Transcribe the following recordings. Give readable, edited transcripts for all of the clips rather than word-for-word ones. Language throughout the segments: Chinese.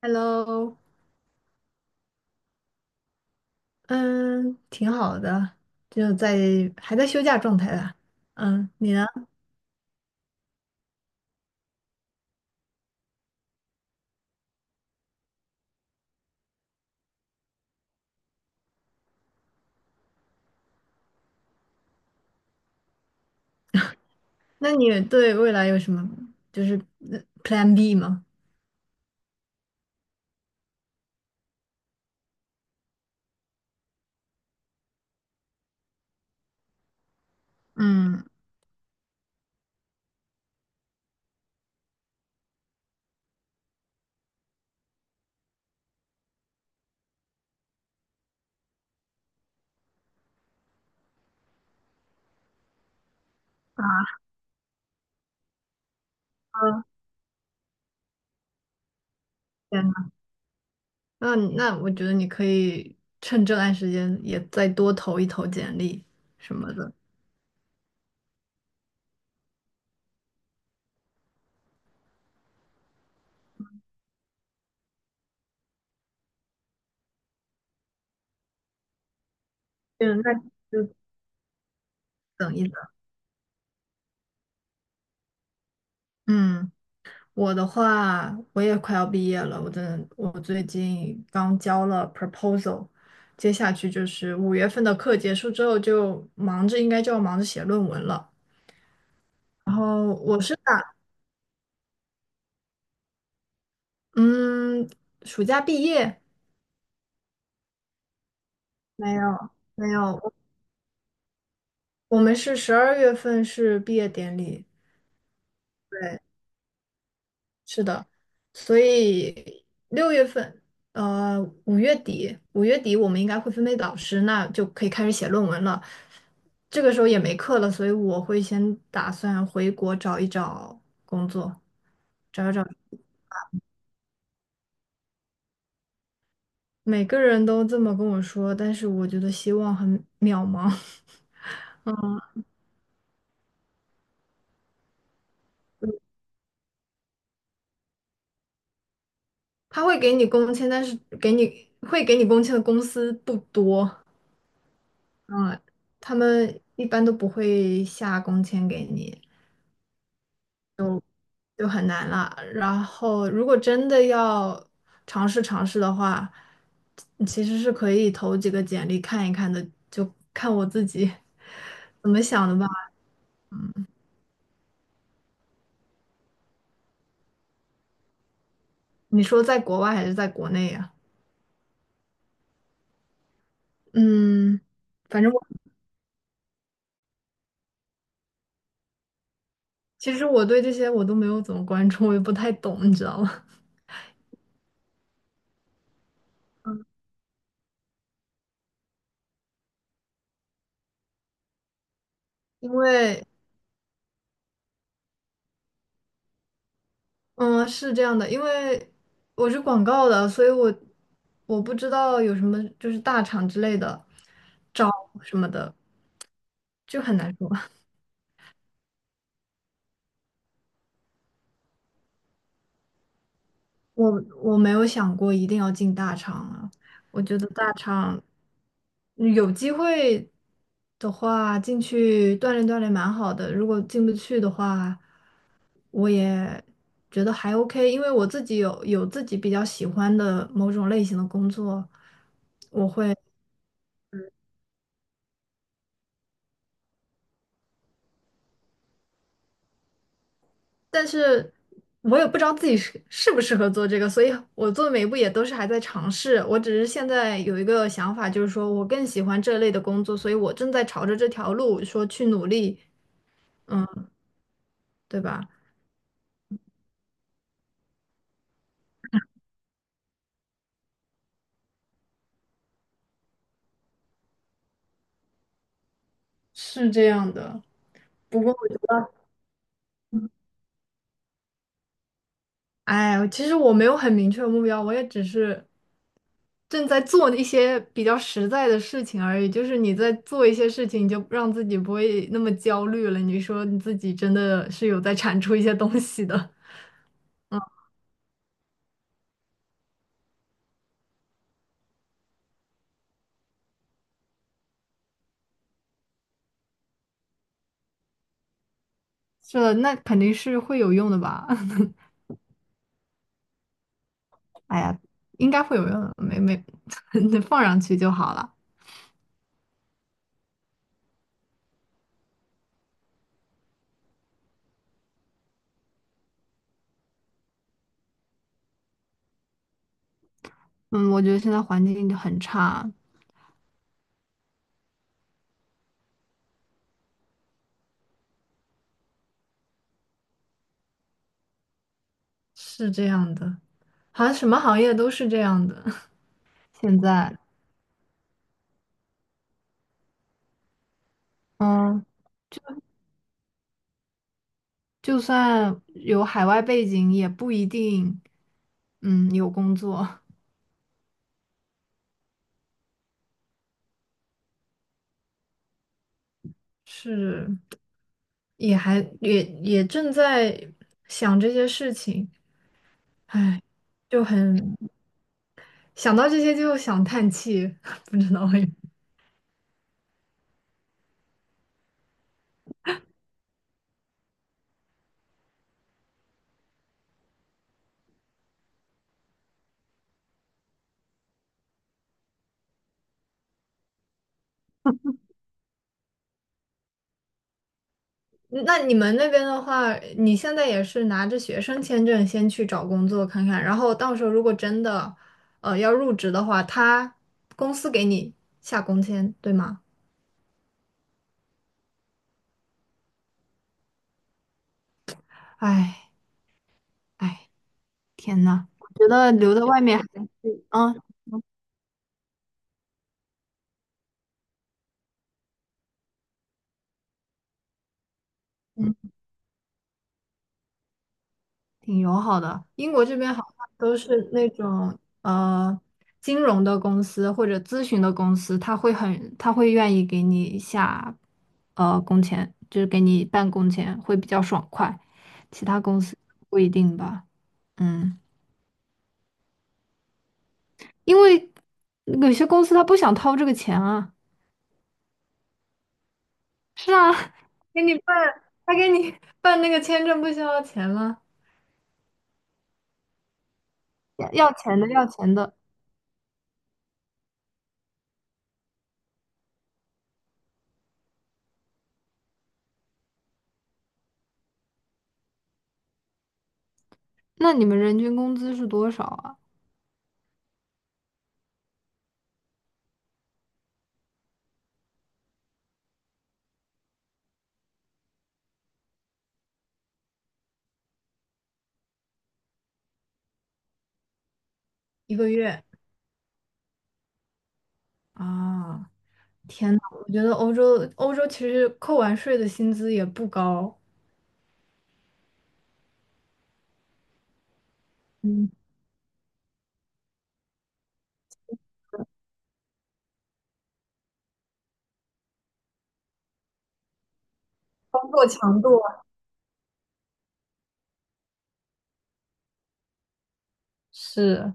Hello，嗯，挺好的，就在还在休假状态啦。嗯，你呢？那你对未来有什么就是Plan B 吗？嗯，啊，天呐，那我觉得你可以趁这段时间也再多投一投简历什么的。嗯，那就等一等。嗯。我的话，我也快要毕业了，我真的，我最近刚交了 proposal，接下去就是5月份的课结束之后就忙着，应该就要忙着写论文了。然后我是打，嗯，暑假毕业没有没有，我们是12月份是毕业典礼，对，是的，所以6月份，五月底，我们应该会分配导师，那就可以开始写论文了。这个时候也没课了，所以我会先打算回国找一找工作，找一找。每个人都这么跟我说，但是我觉得希望很渺茫。嗯，他会给你工签，但是给你会给你工签的公司不多。嗯，他们一般都不会下工签给你。就很难了。然后，如果真的要尝试尝试的话，其实是可以投几个简历看一看的，就看我自己 怎么想的吧。你说在国外还是在国内呀？嗯，反正其实我对这些我都没有怎么关注，我也不太懂，你知道吗？因为，嗯，是这样的，因为我是广告的，所以我不知道有什么就是大厂之类的招什么的，就很难说。我我没有想过一定要进大厂啊，我觉得大厂有机会的话进去锻炼锻炼蛮好的，如果进不去的话，我也觉得还 OK，因为我自己有自己比较喜欢的某种类型的工作，我会。但是我也不知道自己适不适合做这个，所以我做的每一步也都是还在尝试。我只是现在有一个想法，就是说我更喜欢这类的工作，所以我正在朝着这条路说去努力，对吧？是这样的。不过我觉得，哎，其实我没有很明确的目标，我也只是正在做一些比较实在的事情而已。就是你在做一些事情，你就让自己不会那么焦虑了。你说你自己真的是有在产出一些东西的。是的，那肯定是会有用的吧？哎呀，应该会有用的，没没，你放上去就好了。嗯，我觉得现在环境就很差，是这样的，好像什么行业都是这样的。现在，嗯，就就算有海外背景，也不一定，嗯，有工作。是，也还也也正在想这些事情，哎，就很想到这些就想叹气，不知道为那你们那边的话，你现在也是拿着学生签证先去找工作看看，然后到时候如果真的，要入职的话，他公司给你下工签，对吗？哎哎，天呐，我觉得留在外面还，嗯。挺友好的。英国这边好像都是那种金融的公司或者咨询的公司，他会愿意给你下工钱，就是给你办工钱，会比较爽快。其他公司不一定吧，嗯，因为有些公司他不想掏这个钱啊。是啊，给你办，他给你办那个签证不需要钱吗？要钱的，要钱的。那你们人均工资是多少啊？一个月。啊，天呐，我觉得欧洲其实扣完税的薪资也不高，嗯，工作强度啊是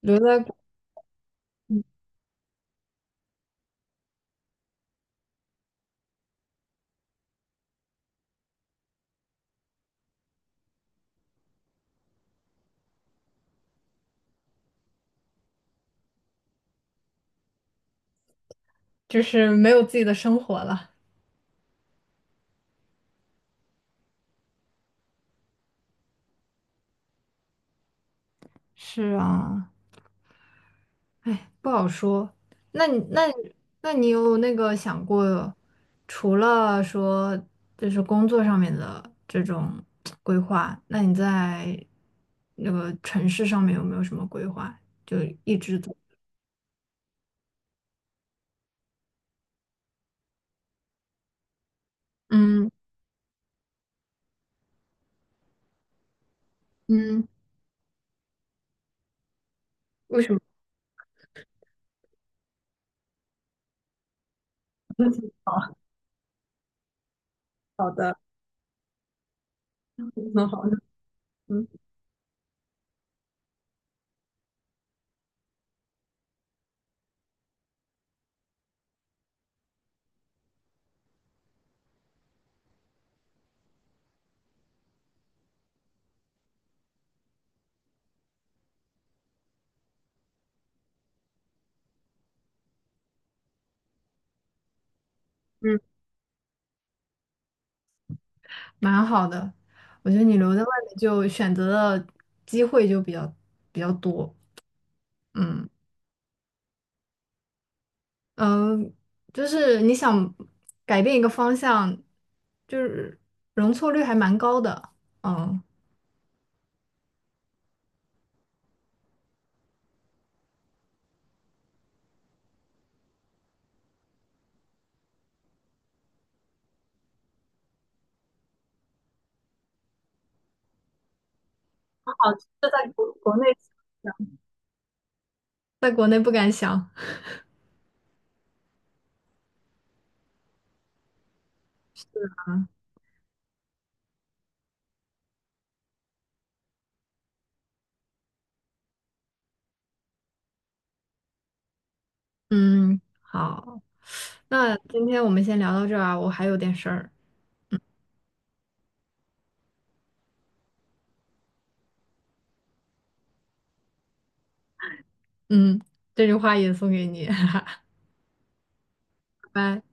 留在国就是没有自己的生活了。是啊，哎，不好说。那你那你那你有那个想过，除了说就是工作上面的这种规划，那你在那个城市上面有没有什么规划？就一直都，嗯嗯，为什么？嗯。蛮好的。我觉得你留在外面就选择的机会就比较多。嗯嗯，就是你想改变一个方向，就是容错率还蛮高的。嗯，这在国内想在国内不敢想。嗯，好，那今天我们先聊到这儿啊，我还有点事儿。嗯，这句话也送给你，拜拜。